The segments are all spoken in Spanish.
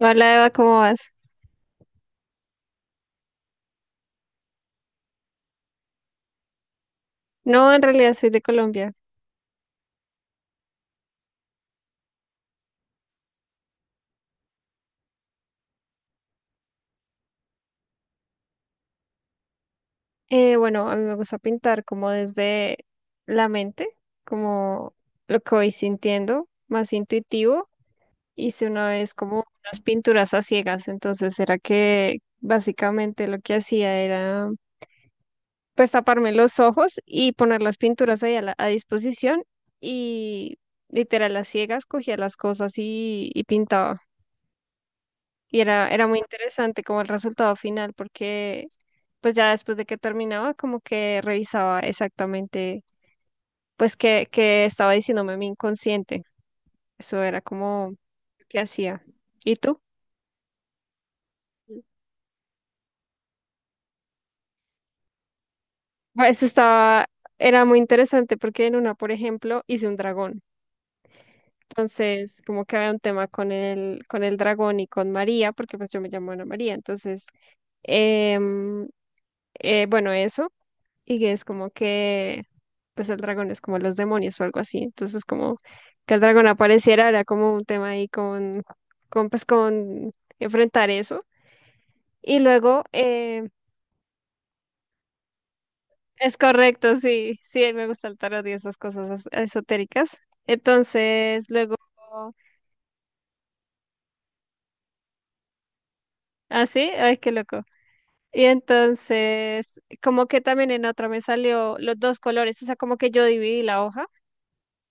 Hola Eva, ¿cómo vas? No, en realidad soy de Colombia. Bueno, a mí me gusta pintar como desde la mente, como lo que voy sintiendo, más intuitivo. Hice una vez como unas pinturas a ciegas, entonces era que básicamente lo que hacía era pues taparme los ojos y poner las pinturas ahí a, a disposición y literal a ciegas cogía las cosas y pintaba. Y era muy interesante como el resultado final, porque pues ya después de que terminaba, como que revisaba exactamente pues qué estaba diciéndome mi inconsciente. Eso era como qué hacía. ¿Y tú? Pues estaba, Era muy interesante porque en una, por ejemplo, hice un dragón. Entonces, como que había un tema con con el dragón y con María, porque pues yo me llamo Ana María. Entonces, em, bueno, eso. Y que es como que, pues el dragón es como los demonios o algo así. Entonces, como que el dragón apareciera era como un tema ahí con con enfrentar eso. Y luego, es correcto, sí, sí, me gusta el tarot y esas cosas esotéricas. Entonces, luego, ah, sí, ay, qué loco. Y entonces, como que también en otra me salió los dos colores, o sea, como que yo dividí la hoja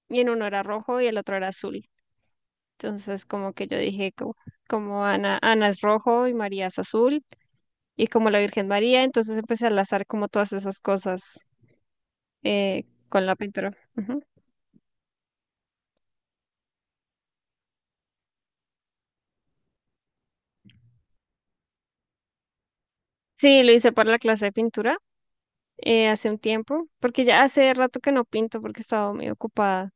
y en uno era rojo y el otro era azul. Entonces, como que yo dije, como, como Ana, Ana es rojo y María es azul, y como la Virgen María, entonces empecé a enlazar como todas esas cosas con la pintura. Ujú. Sí, lo hice para la clase de pintura hace un tiempo, porque ya hace rato que no pinto porque estaba muy ocupada,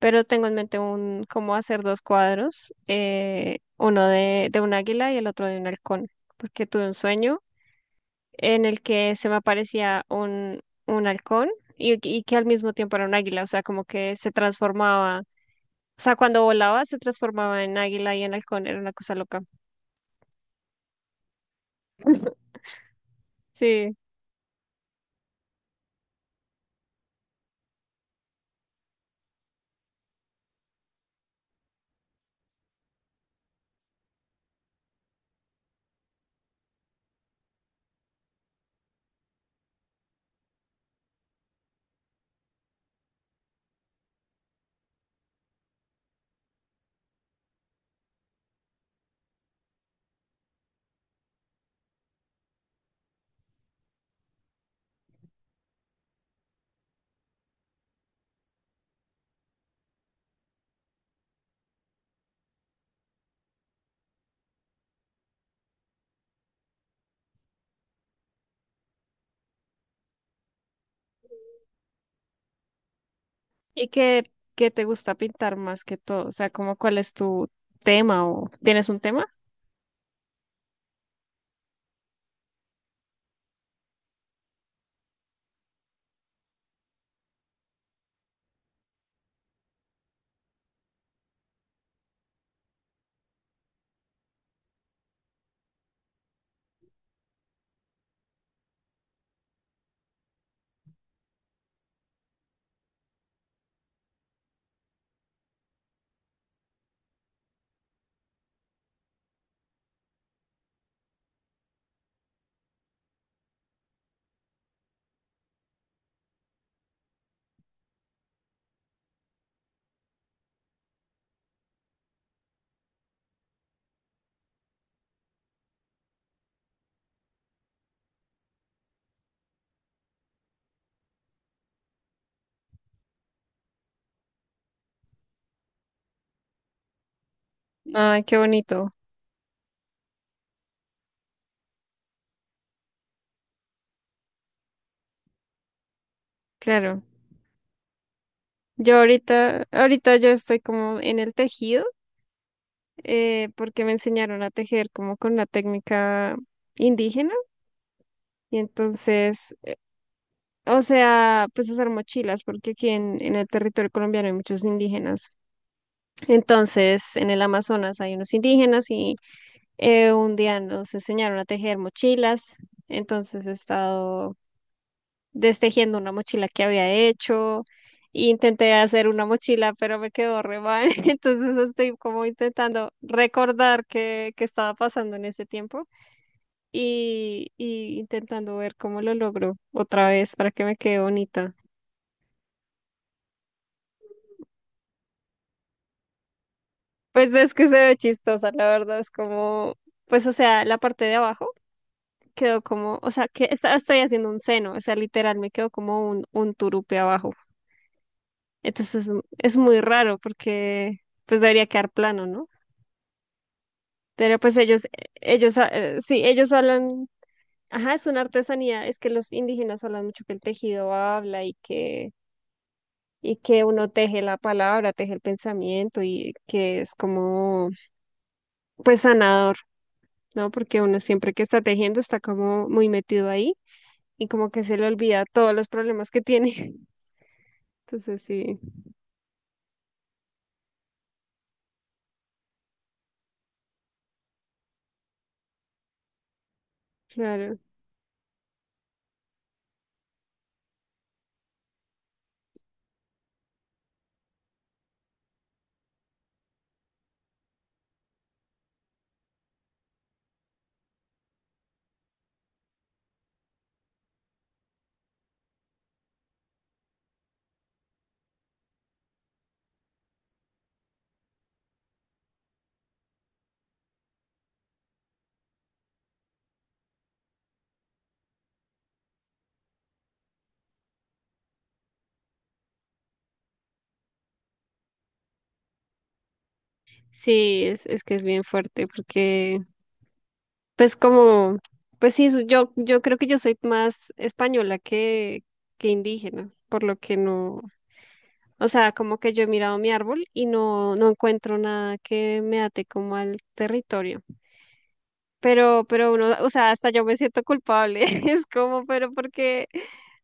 pero tengo en mente un cómo hacer dos cuadros, uno de un águila y el otro de un halcón, porque tuve un sueño en el que se me aparecía un halcón y que al mismo tiempo era un águila, o sea, como que se transformaba, o sea, cuando volaba se transformaba en águila y en halcón, era una cosa loca. Sí. ¿Y qué te gusta pintar más que todo? O sea, como ¿cuál es tu tema o tienes un tema? Ay, qué bonito, claro. Yo ahorita, ahorita yo estoy como en el tejido, porque me enseñaron a tejer como con la técnica indígena. Y entonces o sea, pues hacer mochilas, porque aquí en el territorio colombiano hay muchos indígenas. Entonces, en el Amazonas hay unos indígenas y un día nos enseñaron a tejer mochilas. Entonces he estado destejiendo una mochila que había hecho. Intenté hacer una mochila, pero me quedó re mal. Entonces estoy como intentando recordar qué estaba pasando en ese tiempo y intentando ver cómo lo logro otra vez para que me quede bonita. Pues es que se ve chistosa, la verdad, es como, pues o sea, la parte de abajo quedó como, o sea, que estoy haciendo un seno, o sea, literal me quedó como un turupe abajo. Entonces es muy raro porque pues debería quedar plano, ¿no? Pero pues ellos, sí, ellos hablan, ajá, es una artesanía, es que los indígenas hablan mucho que el tejido habla y que uno teje la palabra, teje el pensamiento y que es como, pues sanador. ¿No? Porque uno siempre que está tejiendo está como muy metido ahí y como que se le olvida todos los problemas que tiene. Entonces sí, claro. Sí, es que es bien fuerte porque pues como, pues sí, yo, yo creo que yo soy más española que indígena, por lo que no, o sea, como que yo he mirado mi árbol y no, no encuentro nada que me ate como al territorio. Pero uno, o sea, hasta yo me siento culpable. Es como, pero porque,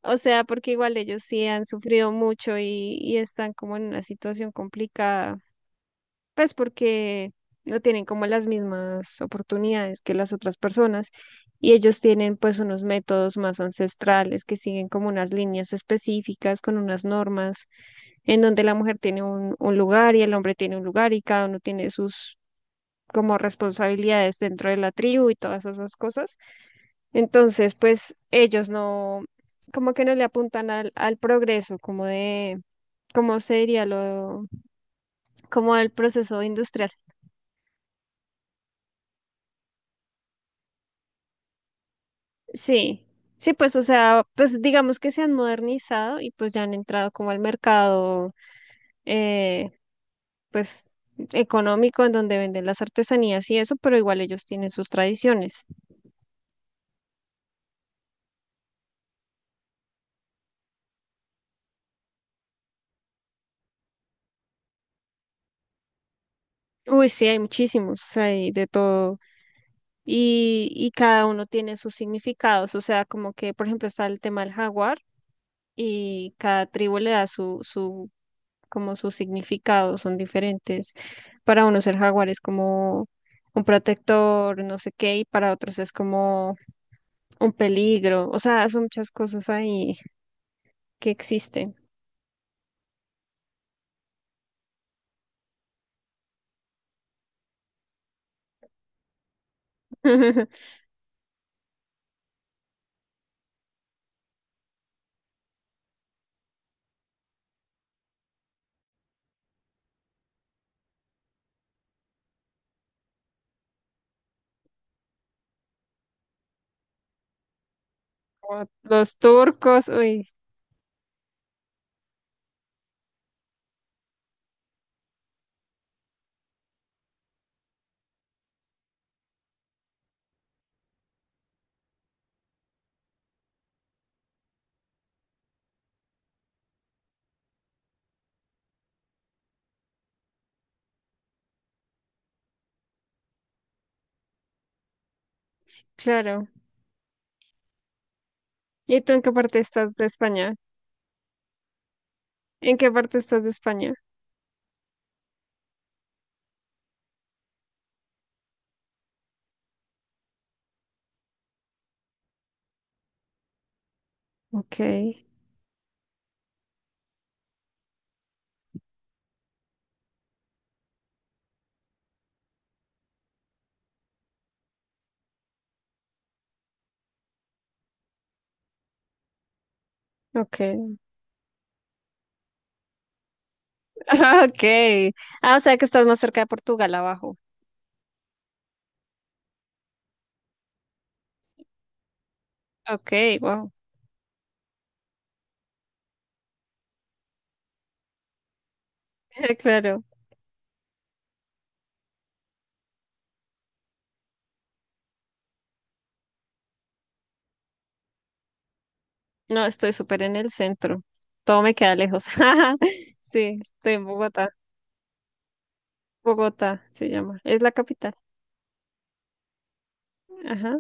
o sea, porque igual ellos sí han sufrido mucho y están como en una situación complicada, pues porque no tienen como las mismas oportunidades que las otras personas y ellos tienen pues unos métodos más ancestrales que siguen como unas líneas específicas con unas normas en donde la mujer tiene un lugar y el hombre tiene un lugar y cada uno tiene sus como responsabilidades dentro de la tribu y todas esas cosas. Entonces, pues ellos no, como que no le apuntan al progreso, como de, ¿cómo se diría lo, como al proceso industrial? Sí, sí, pues, o sea, pues digamos que se han modernizado y pues ya han entrado como al mercado, eh, pues, económico en donde venden las artesanías y eso, pero igual ellos tienen sus tradiciones. Uy, sí, hay muchísimos, o sea, hay de todo. Y cada uno tiene sus significados, o sea, como que, por ejemplo, está el tema del jaguar y cada tribu le da su, su, como su significado, son diferentes. Para unos el jaguar es como un protector, no sé qué, y para otros es como un peligro. O sea, son muchas cosas ahí que existen. Como los turcos, uy, claro. ¿Y tú en qué parte estás de España? ¿En qué parte estás de España? Ok, ok, ok. Ah, o sea que estás más cerca de Portugal abajo. Ok, wow, claro. No, estoy súper en el centro. Todo me queda lejos. Sí, estoy en Bogotá. Bogotá se llama. Es la capital. Ajá.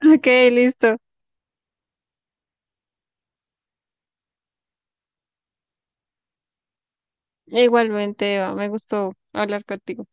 Ok, listo. Igualmente, Eva, me gustó hablar contigo.